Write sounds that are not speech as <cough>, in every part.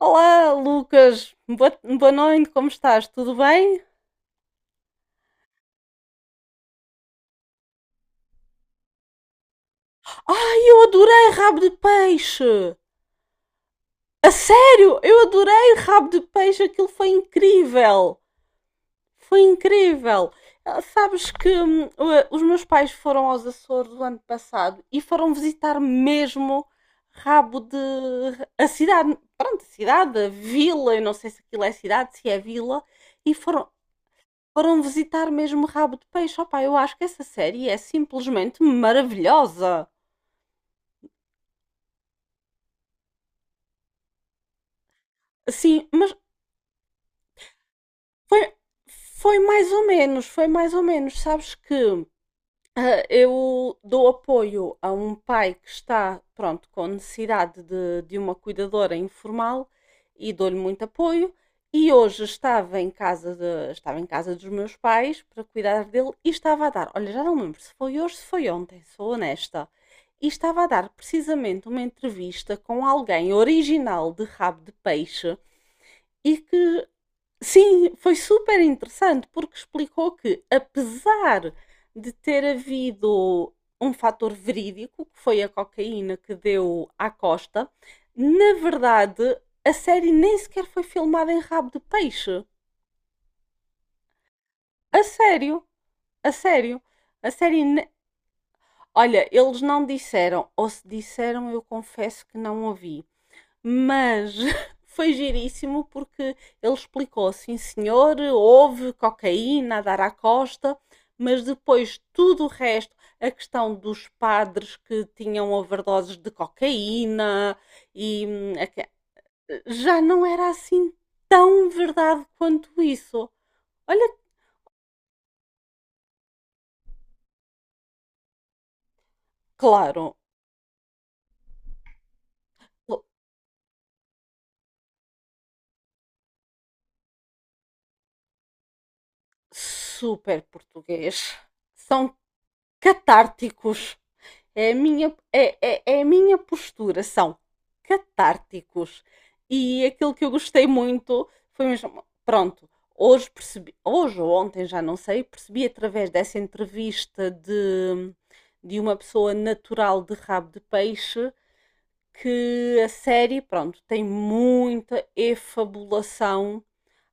Olá, Lucas. Boa noite, como estás? Tudo bem? Ai, eu adorei rabo de peixe! A sério, eu adorei rabo de peixe, aquilo foi incrível! Foi incrível! Ah, sabes que os meus pais foram aos Açores o ano passado e foram visitar mesmo rabo de a cidade, pronto, a cidade, a vila, eu não sei se aquilo é cidade, se é vila. e foram, Foram visitar mesmo o rabo de peixe. Opá, eu acho que essa série é simplesmente maravilhosa. Assim, mas foi, foi mais ou menos, foi mais ou menos. Sabes que. Ah, eu dou apoio a um pai que está, pronto, com necessidade de uma cuidadora informal e dou-lhe muito apoio. E hoje estava em casa dos meus pais para cuidar dele e estava a dar, olha, já não me lembro se foi hoje, se foi ontem, sou honesta. E estava a dar precisamente uma entrevista com alguém original de rabo de peixe. E que Sim, foi super interessante porque explicou que, apesar de ter havido um fator verídico, que foi a cocaína que deu à Costa, na verdade a série nem sequer foi filmada em rabo de peixe. A sério, a sério, a série. Olha, eles não disseram, ou se disseram, eu confesso que não ouvi. Mas <laughs> foi giríssimo porque ele explicou: sim, senhor, houve cocaína a dar à costa, mas depois tudo o resto, a questão dos padres que tinham overdoses de cocaína e já não era assim tão verdade quanto isso. Olha, claro, super português. São catárticos. É a minha, é, é, é a minha postura, são catárticos. E aquilo que eu gostei muito foi mesmo, pronto, hoje percebi, hoje ou ontem, já não sei, percebi através dessa entrevista de uma pessoa natural de rabo de peixe que a série, pronto, tem muita efabulação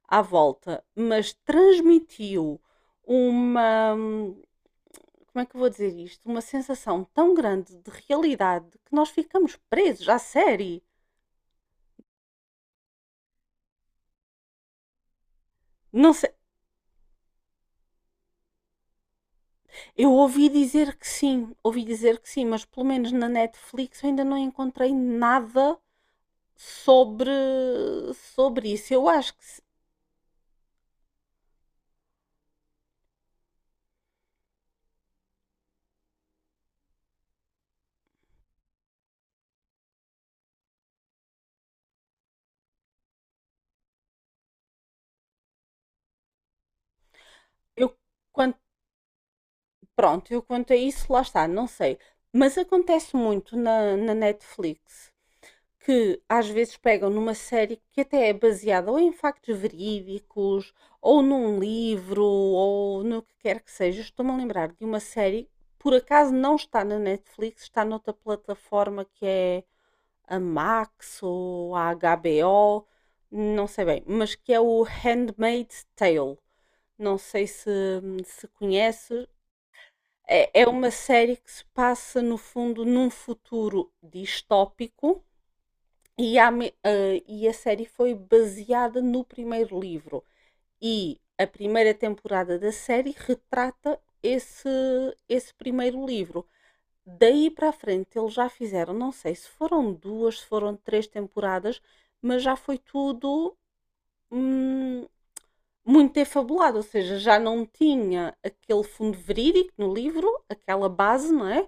à volta, mas transmitiu uma, como é que eu vou dizer isto? Uma sensação tão grande de realidade que nós ficamos presos à série. Não sei. Eu ouvi dizer que sim, ouvi dizer que sim, mas pelo menos na Netflix eu ainda não encontrei nada sobre, sobre, isso. Eu acho que eu quanto, pronto, eu quanto a isso, lá está, não sei. Mas acontece muito na Netflix, que às vezes pegam numa série que até é baseada ou em factos verídicos, ou num livro, ou no que quer que seja. Estou-me a lembrar de uma série, por acaso não está na Netflix, está noutra plataforma que é a Max ou a HBO, não sei bem, mas que é o Handmaid's Tale. Não sei se, conheces. É uma série que se passa, no fundo, num futuro distópico e a série foi baseada no primeiro livro. E a primeira temporada da série retrata esse primeiro livro. Daí para a frente eles já fizeram, não sei se foram duas, se foram três temporadas, mas já foi tudo hum, muito defabulado, ou seja, já não tinha aquele fundo verídico no livro, aquela base, não é?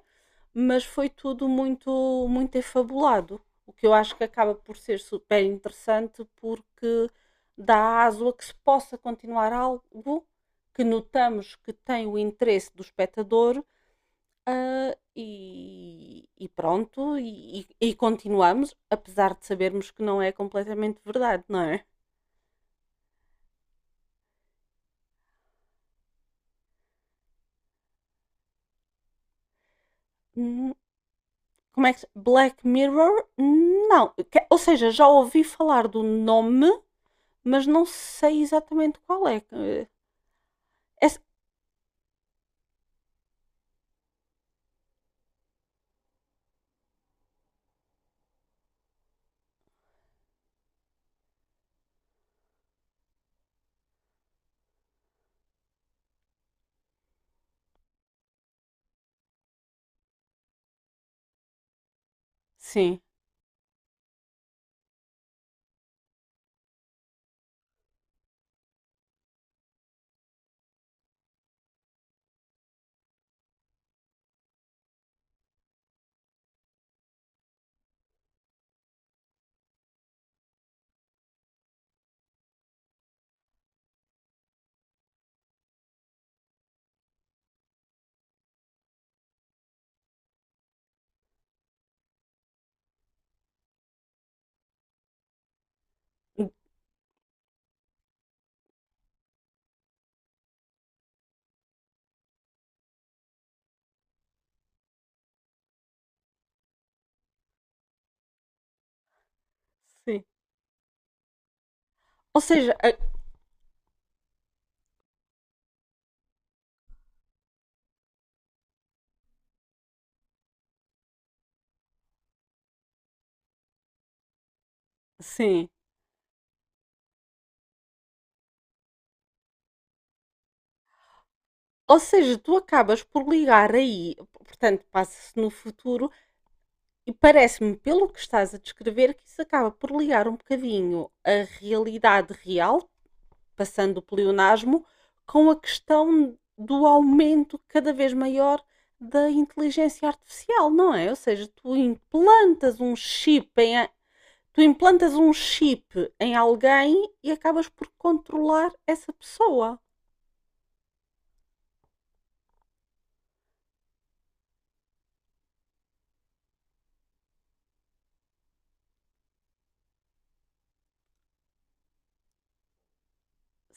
Mas foi tudo muito, muito defabulado, o que eu acho que acaba por ser super interessante porque dá aso a que se possa continuar algo que notamos que tem o interesse do espectador e pronto, e continuamos, apesar de sabermos que não é completamente verdade, não é? Como é que. Black Mirror? Não. Ou seja, já ouvi falar do nome, mas não sei exatamente qual é. É- Sim. Sim. Ou seja, sim. Ou seja, tu acabas por ligar aí, portanto, passa-se no futuro, e parece-me, pelo que estás a descrever, que isso acaba por ligar um bocadinho a realidade real, passando o pleonasmo, com a questão do aumento cada vez maior da inteligência artificial, não é? Ou seja, tu implantas um chip em alguém e acabas por controlar essa pessoa.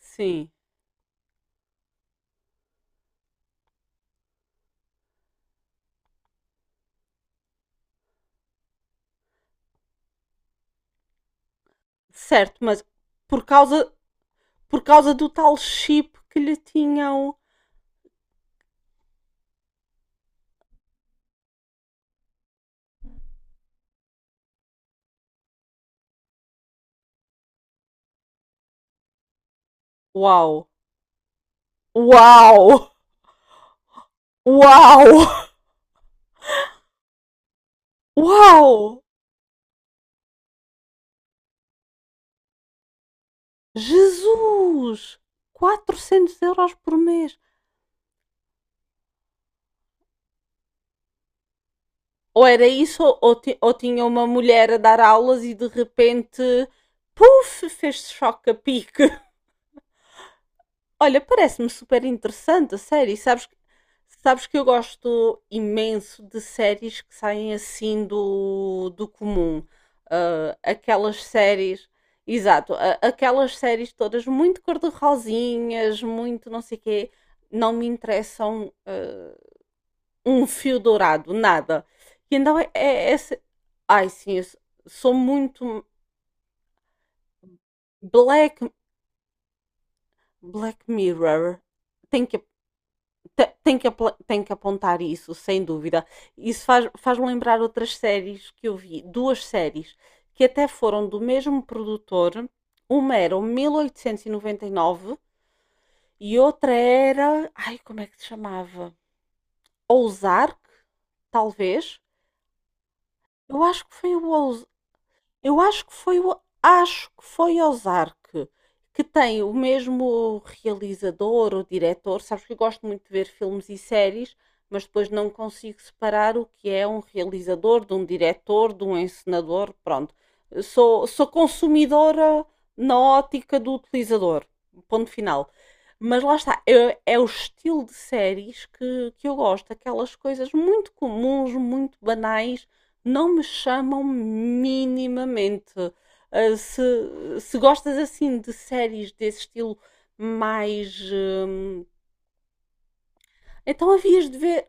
Sim, certo, mas por causa por causa do tal chip que lhe tinham. Uau! Uau! Uau! Uau! Jesus! 400 euros por mês. Ou era isso, ou tinha uma mulher a dar aulas e de repente, puf, fez choque a pique. <laughs> Olha, parece-me super interessante a série. Sabes que eu gosto imenso de séries que saem assim do comum. Ah, aquelas séries, exato, aquelas séries todas muito cor-de-rosinhas, muito não sei quê, não me interessam. Ah, um fio dourado, nada. E então é essa. Ai sim, eu sou muito. Black, Black Mirror, tem que, tem, que, tem que apontar isso, sem dúvida. Isso faz-me lembrar outras séries que eu vi, duas séries, que até foram do mesmo produtor. Uma era o mil oitocentos e noventa e nove e outra era. Ai, como é que se chamava? Ozark, talvez. Eu acho que foi o Eu acho que foi Ozark, que tem o mesmo realizador ou diretor. Sabes que eu gosto muito de ver filmes e séries, mas depois não consigo separar o que é um realizador, de um diretor, de um encenador. Pronto, sou consumidora na ótica do utilizador. Ponto final. Mas lá está, é o estilo de séries que eu gosto, aquelas coisas muito comuns, muito banais, não me chamam minimamente. Ah, se, gostas assim de séries desse estilo mais. Então havias de ver.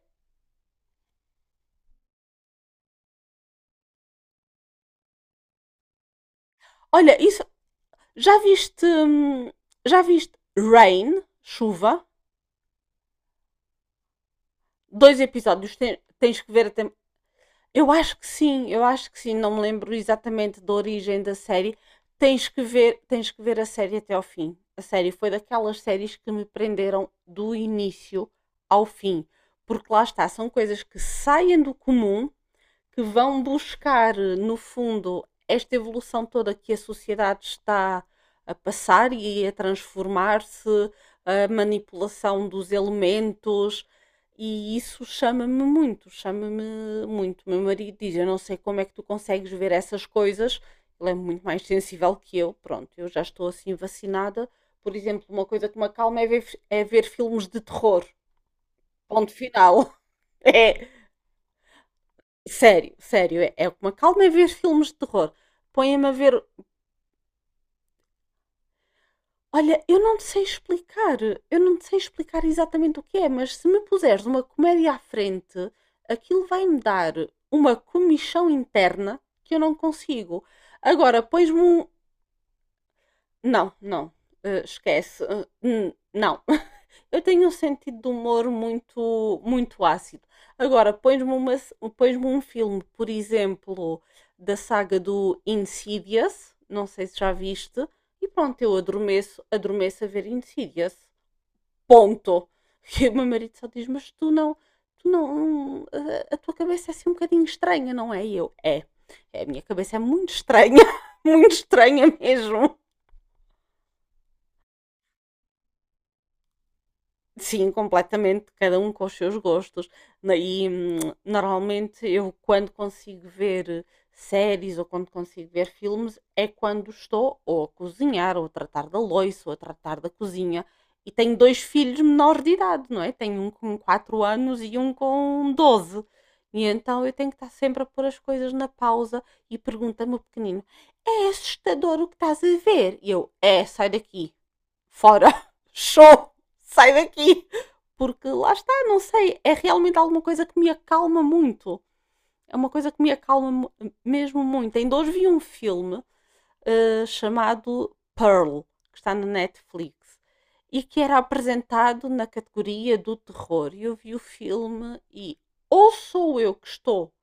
Olha, isso. Já viste. Já viste Rain, chuva? Dois episódios. Tens que ver até. Eu acho que sim, eu acho que sim, não me lembro exatamente da origem da série. Tens que ver a série até ao fim. A série foi daquelas séries que me prenderam do início ao fim, porque lá está, são coisas que saem do comum que vão buscar, no fundo, esta evolução toda que a sociedade está a passar e a transformar-se, a manipulação dos elementos, e isso chama-me muito, chama-me muito. Meu marido diz: eu não sei como é que tu consegues ver essas coisas. Ele é muito mais sensível que eu. Pronto, eu já estou assim vacinada. Por exemplo, uma coisa que me acalma é ver, filmes de terror. Ponto final. <laughs> É, sério, sério, é uma calma é ver filmes de terror. Põem-me a ver. Olha, eu não te sei explicar, eu não te sei explicar exatamente o que é, mas se me puseres uma comédia à frente, aquilo vai-me dar uma comichão interna que eu não consigo. Agora, pões-me um. Não, não, esquece, não. <laughs> Eu tenho um sentido de humor muito, muito ácido. Agora, pões-me um filme, por exemplo, da saga do Insidious, não sei se já viste, e pronto, eu adormeço, a ver Insidious. Ponto. <laughs> E o meu marido só diz, mas tu não, a tua cabeça é assim um bocadinho estranha, não é? E eu, é, a minha cabeça é muito estranha, <laughs> muito estranha mesmo. Sim, completamente, cada um com os seus gostos. E normalmente eu, quando consigo ver séries ou quando consigo ver filmes, é quando estou ou a cozinhar, ou a tratar da loiça, ou a tratar da cozinha. E tenho dois filhos menores de idade, não é? Tenho um com 4 anos e um com 12. E então eu tenho que estar sempre a pôr as coisas na pausa e pergunta-me o pequenino: é assustador o que estás a ver? E eu: é, sai daqui fora, <laughs> show, sai daqui. Porque lá está, não sei, é realmente alguma coisa que me acalma muito. É uma coisa que me acalma mesmo muito. Ainda hoje vi um filme chamado Pearl, que está na Netflix, e que era apresentado na categoria do terror. E eu vi o filme e ou sou eu que estou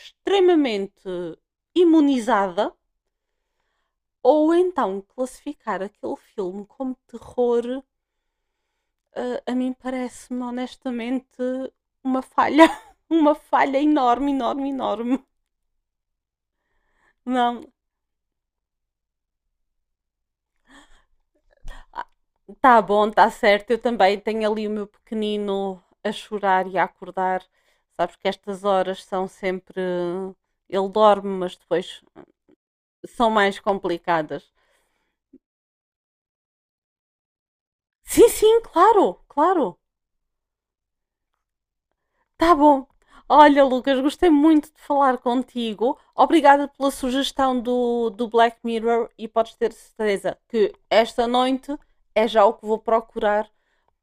extremamente imunizada, ou então classificar aquele filme como terror. Ah, a mim parece-me honestamente uma falha, <laughs> uma falha enorme, enorme, enorme. Não, ah, tá bom, tá certo. Eu também tenho ali o meu pequenino a chorar e a acordar. Sabes que estas horas são sempre. Ele dorme, mas depois são mais complicadas. Sim, sim, claro, claro. Tá bom. Olha, Lucas, gostei muito de falar contigo. Obrigada pela sugestão do, Black Mirror e podes ter certeza que esta noite é já o que vou procurar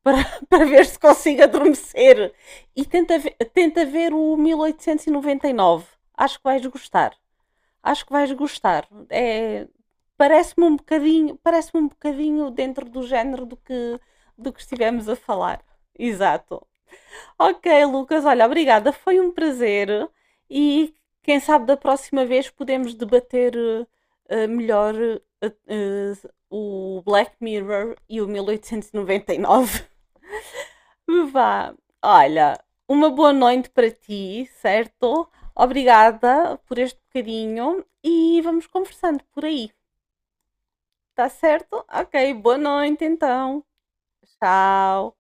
para, <laughs> para ver se consigo adormecer. E tenta ver o mil oitocentos e noventa e nove. Acho que vais gostar. Acho que vais gostar. É, parece-me um bocadinho dentro do género do que, estivemos a falar. Exato. Ok, Lucas, olha, obrigada, foi um prazer e quem sabe da próxima vez podemos debater melhor eh, o Black Mirror e o 1899. <laughs> Vá, olha, uma boa noite para ti, certo? Obrigada por este bocadinho e vamos conversando por aí, tá certo? Ok, boa noite então. Tchau.